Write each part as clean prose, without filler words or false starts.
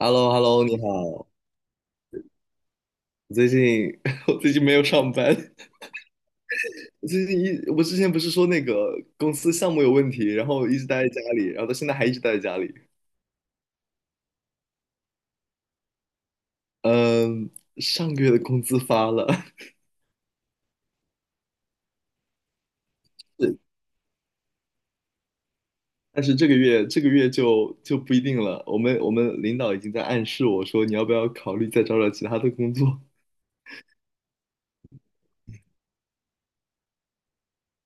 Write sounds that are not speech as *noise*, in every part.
h e l l o h e l l o 你好。我最近 *laughs* 我最近没有上班，*laughs* 我最近一我之前不是说那个公司项目有问题，然后一直待在家里，然后到现在还一直待在家里。嗯，上个月的工资发了，*laughs* 是。但是这个月就不一定了。我们领导已经在暗示我说，你要不要考虑再找找其他的工作？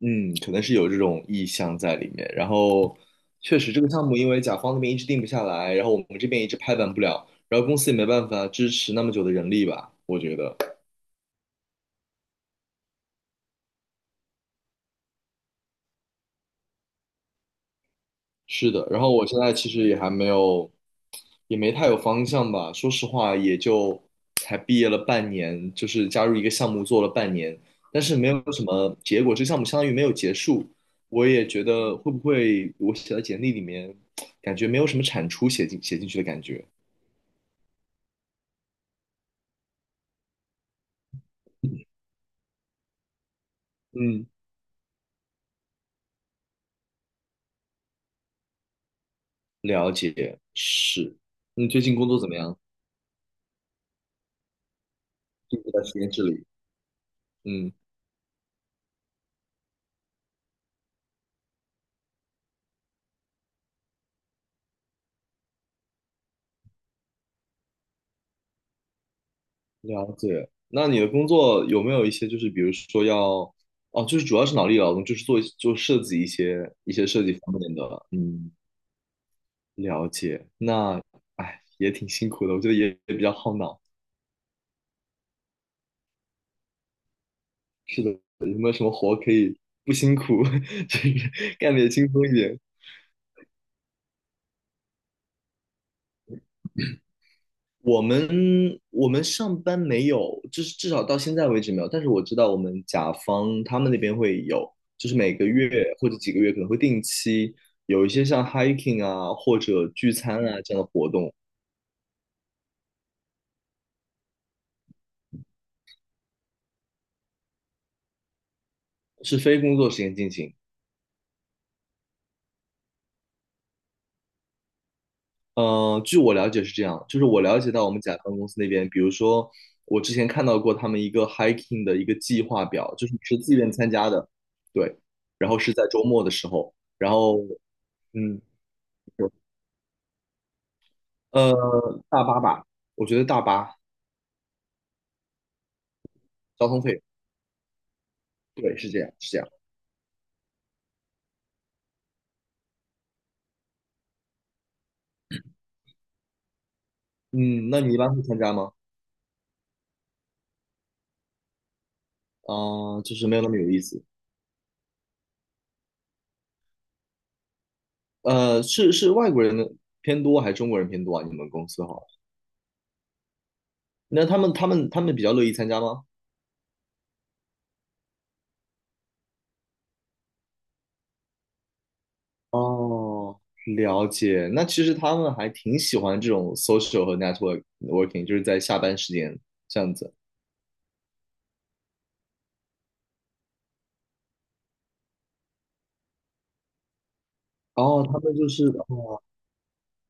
嗯，可能是有这种意向在里面。然后，确实这个项目因为甲方那边一直定不下来，然后我们这边一直拍板不了，然后公司也没办法支持那么久的人力吧，我觉得。是的。然后我现在其实也还没有，也没太有方向吧。说实话，也就才毕业了半年，就是加入一个项目做了半年，但是没有什么结果，这个项目相当于没有结束。我也觉得会不会我写在简历里面，感觉没有什么产出写进去的感觉。嗯，了解，是。你最近工作怎么样？最近在实验室里。嗯，了解。那你的工作有没有一些，就是比如说要，哦，就是主要是脑力劳动，就是做做设计一些设计方面的。嗯，了解。那，哎，也挺辛苦的，我觉得也比较耗脑。是的，有没有什么活可以不辛苦，*laughs* 就是干得也轻松一点？我们我们上班没有，就是至少到现在为止没有。但是我知道我们甲方他们那边会有，就是每个月或者几个月可能会定期有一些像 hiking 啊或者聚餐啊这样的活动，是非工作时间进行。据我了解是这样，就是我了解到我们甲方公司那边，比如说我之前看到过他们一个 hiking 的一个计划表，就是你是自愿参加的，对，然后是在周末的时候，然后嗯。呃。大巴吧，我觉得大巴交通费，对，是这样，是这样。嗯，那你一般会参加吗？啊、就是没有那么有意思。是外国人的偏多还是中国人偏多啊？你们公司哈？那他们比较乐意参加吗？哦，了解。那其实他们还挺喜欢这种 social 和 network working，就是在下班时间这样子。哦，他们就是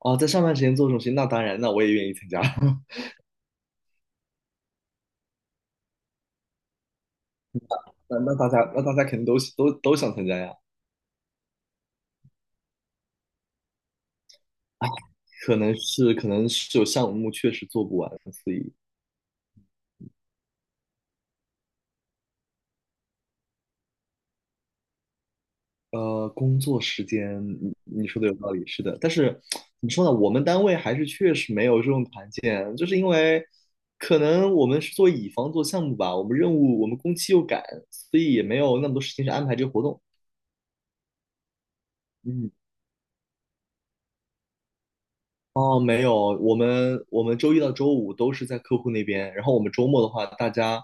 哦，在上班时间做这种事情，那当然，那我也愿意参加。*laughs* 那那大家肯定都想参加呀。可能是有项目确实做不完，所以工作时间你说的有道理，是的。但是怎么说呢，我们单位还是确实没有这种团建，就是因为可能我们是做乙方做项目吧，我们任务我们工期又赶，所以也没有那么多时间去安排这个活动。嗯。哦，没有，我们周一到周五都是在客户那边，然后我们周末的话，大家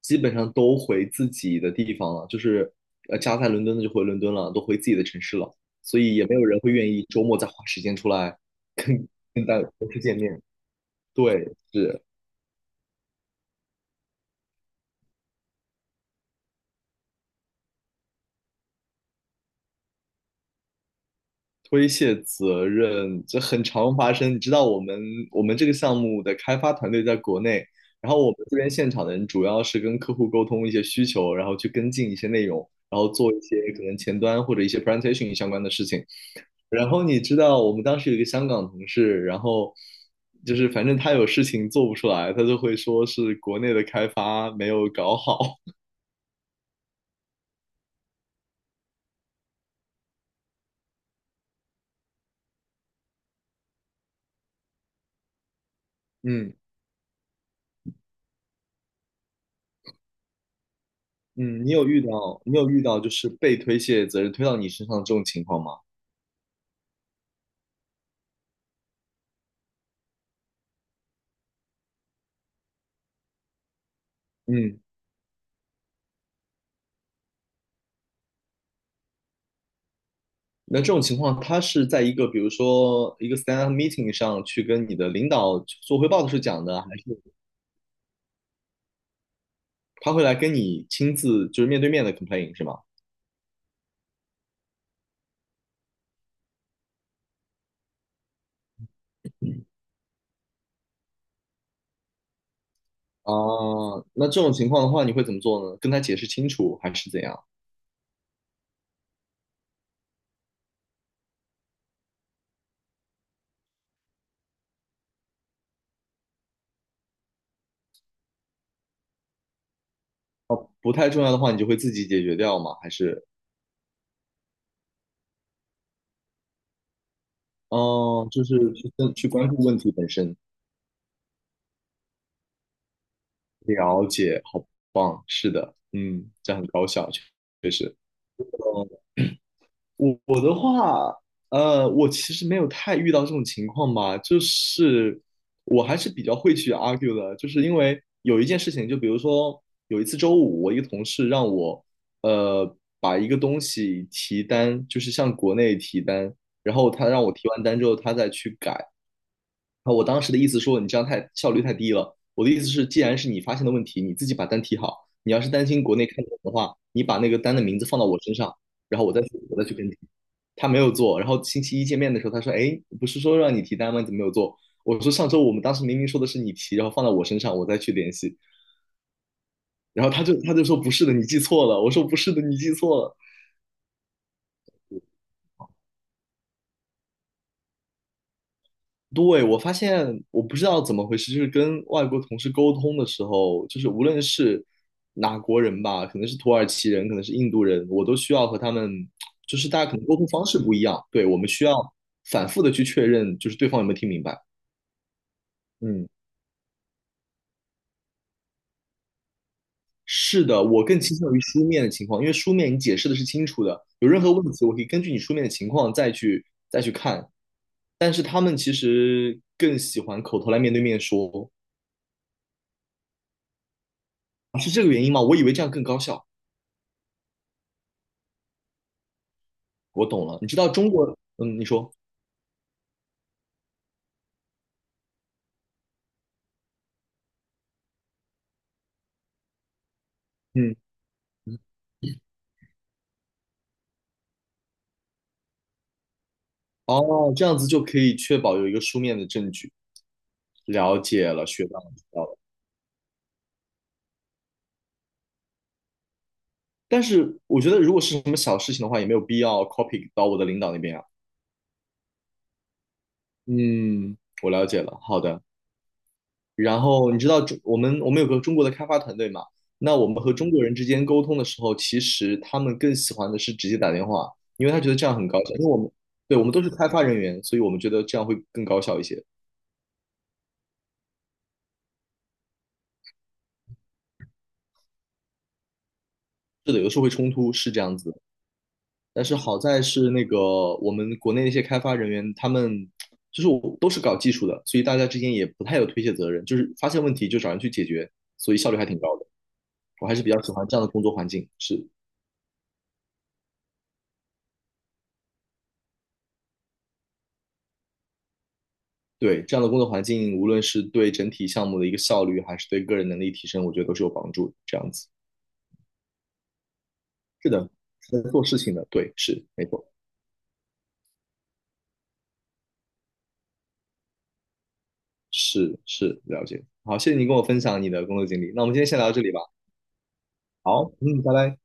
基本上都回自己的地方了，就是家在伦敦的就回伦敦了，都回自己的城市了，所以也没有人会愿意周末再花时间出来跟跟大公司见面。对，是。推卸责任，这很常发生。你知道我们这个项目的开发团队在国内，然后我们这边现场的人主要是跟客户沟通一些需求，然后去跟进一些内容，然后做一些可能前端或者一些 presentation 相关的事情。然后你知道我们当时有一个香港同事，然后就是反正他有事情做不出来，他就会说是国内的开发没有搞好。嗯嗯，你有遇到就是被推卸责任推到你身上这种情况吗？嗯。那这种情况，他是在一个比如说一个 stand up meeting 上去跟你的领导做汇报的时候讲的，还是他会来跟你亲自就是面对面的 complain 是吗？啊，那这种情况的话，你会怎么做呢？跟他解释清楚还是怎样？不太重要的话，你就会自己解决掉吗？还是嗯，就是去关注问题本身，了解，好棒，是的，嗯，这样很高效，确实。我的话，我其实没有太遇到这种情况吧，就是我还是比较会去 argue 的，就是因为有一件事情，就比如说有一次周五，我一个同事让我，把一个东西提单，就是向国内提单，然后他让我提完单之后，他再去改，啊，我当时的意思说你这样太效率太低了。我的意思是，既然是你发现的问题，你自己把单提好。你要是担心国内看不懂的话，你把那个单的名字放到我身上，然后我再去跟你。他没有做，然后星期一见面的时候，他说：“哎，不是说让你提单吗？你怎么没有做？”我说：“上周我们当时明明说的是你提，然后放到我身上，我再去联系。”然后他就说：“不是的，你记错了。”我说：“不是的，你记错了。”对，我发现我不知道怎么回事，就是跟外国同事沟通的时候，就是无论是哪国人吧，可能是土耳其人，可能是印度人，我都需要和他们，就是大家可能沟通方式不一样，对，我们需要反复的去确认，就是对方有没有听明白。嗯，是的，我更倾向于书面的情况，因为书面你解释的是清楚的，有任何问题我可以根据你书面的情况再去再去看，但是他们其实更喜欢口头来面对面说，是这个原因吗？我以为这样更高效。我懂了。你知道中国，嗯，你说，嗯，嗯哦，这样子就可以确保有一个书面的证据。了解了，学到了，知道了。但是我觉得，如果是什么小事情的话，也没有必要 copy 到我的领导那边啊。嗯，我了解了。好的。然后你知道中我们我们有个中国的开发团队嘛？那我们和中国人之间沟通的时候，其实他们更喜欢的是直接打电话，因为他觉得这样很高效。因为我们对，我们都是开发人员，所以我们觉得这样会更高效一些。是的，有的时候会冲突，是这样子。但是好在是那个我们国内那些开发人员，他们就是我都是搞技术的，所以大家之间也不太有推卸责任，就是发现问题就找人去解决，所以效率还挺高的。我还是比较喜欢这样的工作环境，是对，这样的工作环境，无论是对整体项目的一个效率，还是对个人能力提升，我觉得都是有帮助的。这样子，是的，是在做事情的，对，是没错，是是了解。好，谢谢你跟我分享你的工作经历。那我们今天先聊到这里吧。好，嗯，拜拜。